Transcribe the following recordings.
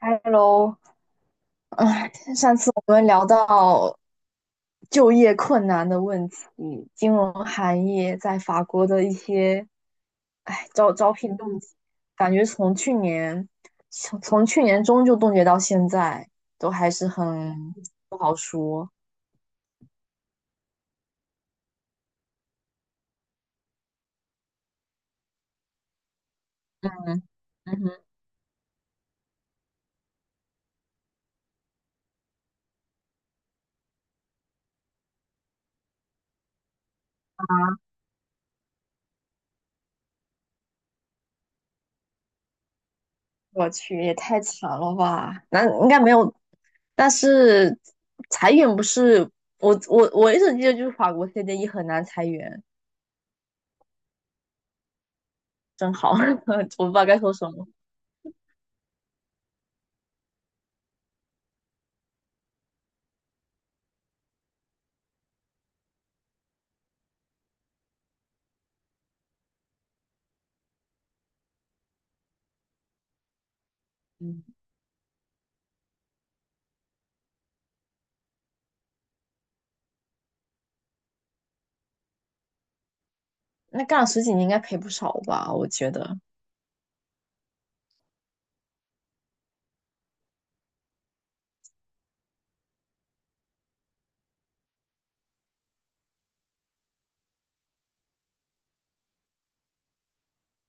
Hello，哎，上次我们聊到就业困难的问题，金融行业在法国的一些，哎，招聘冻结，感觉从去年从去年中就冻结到现在，都还是很不好说。嗯，嗯哼，我去，也太惨了吧？那应该没有，但是裁员不是。我一直记得就是法国 CDE 很难裁员。真好，我不知道该说什么。嗯，那干了十几年应该赔不少吧？我觉得，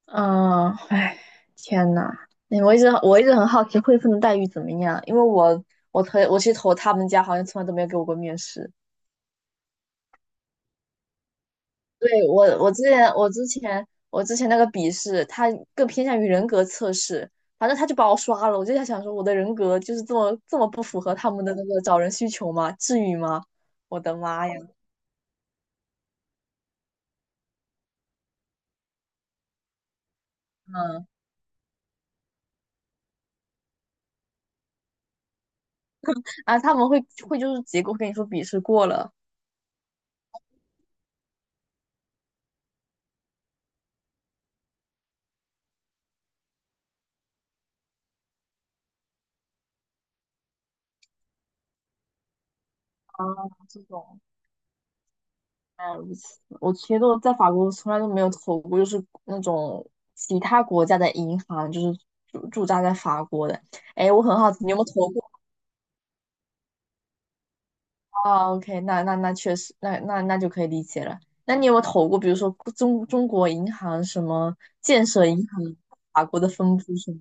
嗯，哎，天呐，哎，我一直很好奇汇丰的待遇怎么样，因为我我去投他们家，好像从来都没有给我过面试。对，我之前那个笔试，它更偏向于人格测试，反正他就把我刷了。我就在想说，我的人格就是这么不符合他们的那个找人需求吗？至于吗？我的妈呀！嗯。啊，他们会就是结果会跟你说笔试过了。啊，这种，原来如此，我其实都在法国从来都没有投过，就是那种其他国家的银行，就是驻扎在法国的。哎，我很好奇，你有没有投过？啊？OK,那确实，那就可以理解了。那你有没有投过，比如说中国银行什么建设银行法国的分部什么？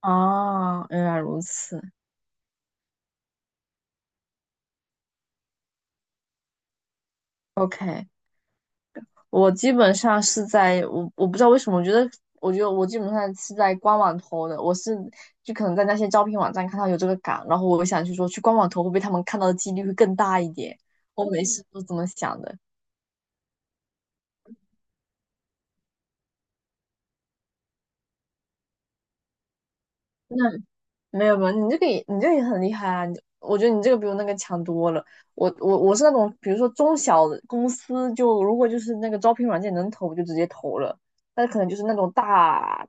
啊，原来如此。OK,我基本上是在我不知道为什么，我觉得我基本上是在官网投的，我是就可能在那些招聘网站看到有这个岗，然后我想去说去官网投会不会他们看到的几率会更大一点，我每次都这么想的。没有没有，你这个也很厉害啊！你我觉得你这个比我那个强多了。我是那种，比如说中小的公司就，如果就是那个招聘软件能投，我就直接投了。但是可能就是那种大，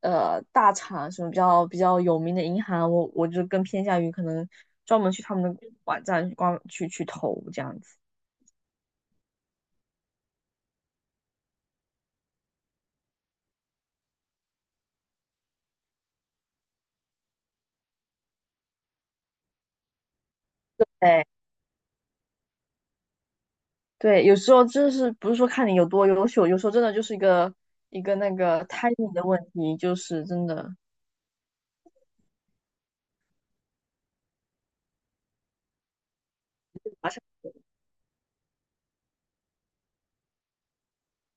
大厂什么比较有名的银行，我就更偏向于可能专门去他们的网站去光去去投这样子。对，对，有时候就是不是说看你有多优秀，有时候真的就是一个那个 timing 的问题，就是真的。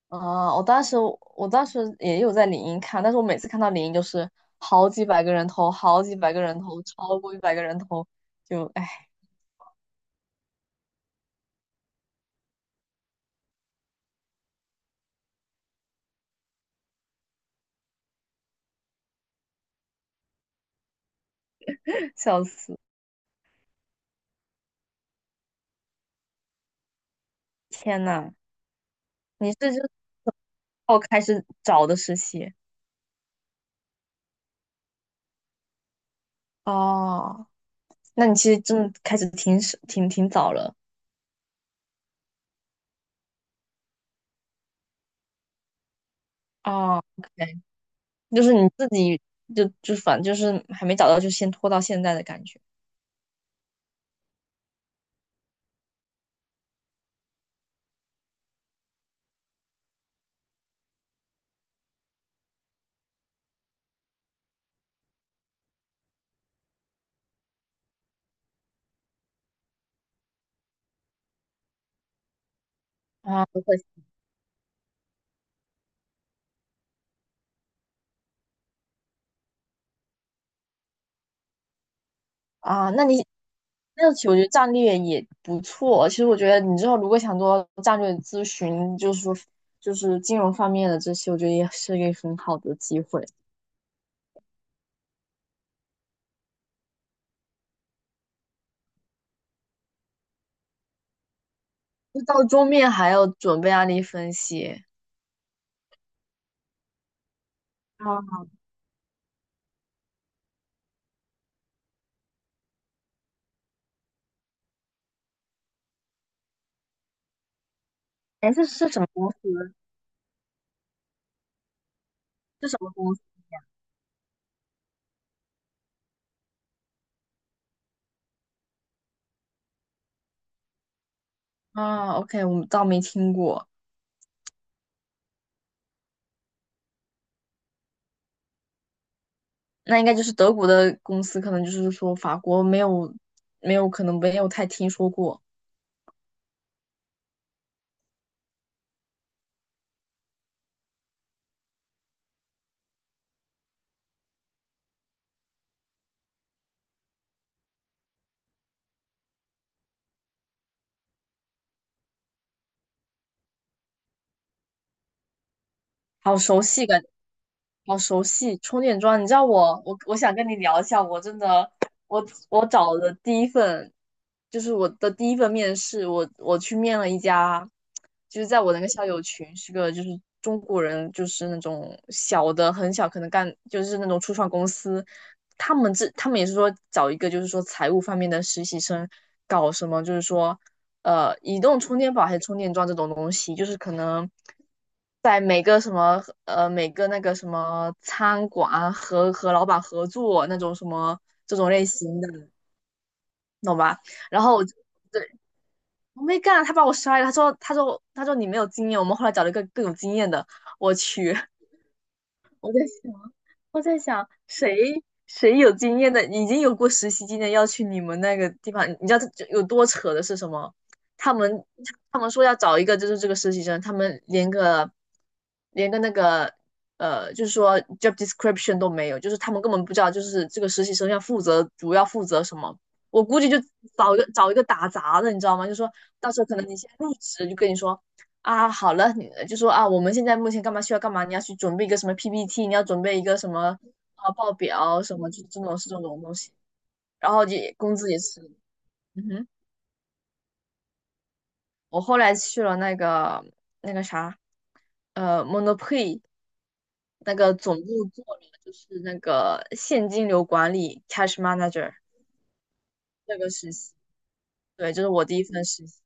啊，我当时也有在领英看，但是我每次看到领英就是好几百个人头，好几百个人头，超过一百个人头，就唉，笑死！天呐，你是就，哦，开始找的实习。哦？那你其实真的开始挺挺早了。哦。OK,就是你自己就反正就是还没找到，就先拖到现在的感觉。啊，不会。啊，那其实我觉得战略也不错。其实我觉得你之后如果想做战略咨询，就是说金融方面的这些，我觉得也是一个很好的机会。就到桌面还要准备案例分析。啊，哎，这是什么公司？是什么公司？啊。OK,我倒没听过，那应该就是德国的公司，可能就是说法国没有可能没有太听说过，好熟悉感。好熟悉充电桩，你知道我想跟你聊一下，我真的我我找的第一份，就是我的第一份面试，我去面了一家，就是在我那个校友群是个就是中国人，就是那种小的很小，可能干就是那种初创公司，他们也是说找一个就是说财务方面的实习生，搞什么就是说移动充电宝还是充电桩这种东西，就是可能在每个什么每个那个什么餐馆啊和老板合作那种什么这种类型的，懂吧？然后我没干，他把我摔了，他说你没有经验，我们后来找了一个更有经验的，我去。我在想，我在想谁有经验的，已经有过实习经验，要去你们那个地方，你知道这有多扯的是什么？他们他们说要找一个就是这个实习生，他们连个那个，就是说 job description 都没有，就是他们根本不知道就是这个实习生要负责主要负责什么。我估计就找一个打杂的，你知道吗？就说到时候可能你先入职，就跟你说啊，好了，你就说啊，我们现在目前干嘛需要干嘛，你要去准备一个什么 PPT,你要准备一个什么啊报表什么，就这种东西。然后就工资也是，嗯哼，我后来去了那个啥，Monoprix 那个总部做了就是那个现金流管理 Cash Manager 这个实习，对，这是我第一份实习，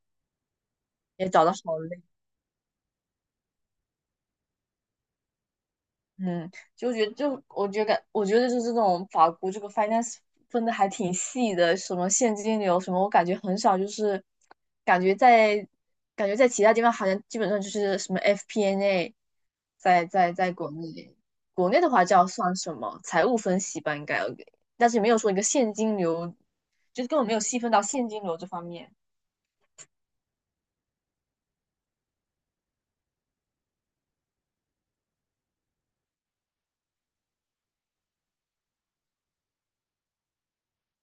也找的好累。嗯，就觉得就我觉得就是这种法国这个 finance 分的还挺细的，什么现金流什么，我感觉很少，就是感觉在感觉在其他地方好像基本上就是什么 FP&A，n 在在在国内的话叫算什么财务分析吧，应该，但是没有说一个现金流，就是根本没有细分到现金流这方面。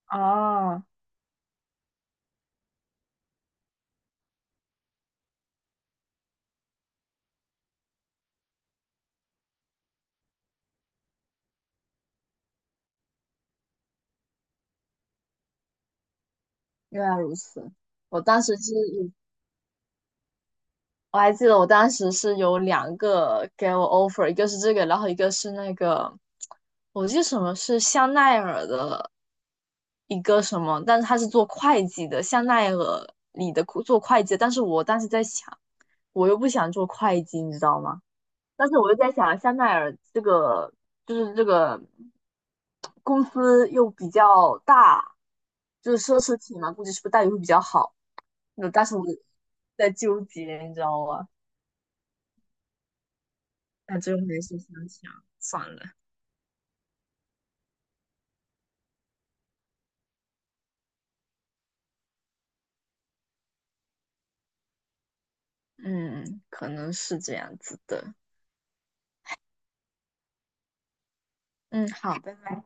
啊，原来如此。我当时是我还记得我当时是有两个给我 offer,一个是这个，然后一个是那个，我记得什么是香奈儿的一个什么，但是他是做会计的，香奈儿里的做会计的，但是我当时在想，我又不想做会计，你知道吗？但是我又在想，香奈儿这个这个公司又比较大，就是奢侈品嘛，估计是不是待遇会比较好？那当时我在纠结，你知道吗？那最后还是想想算了。嗯，可能是这样子的。嗯，好，拜拜。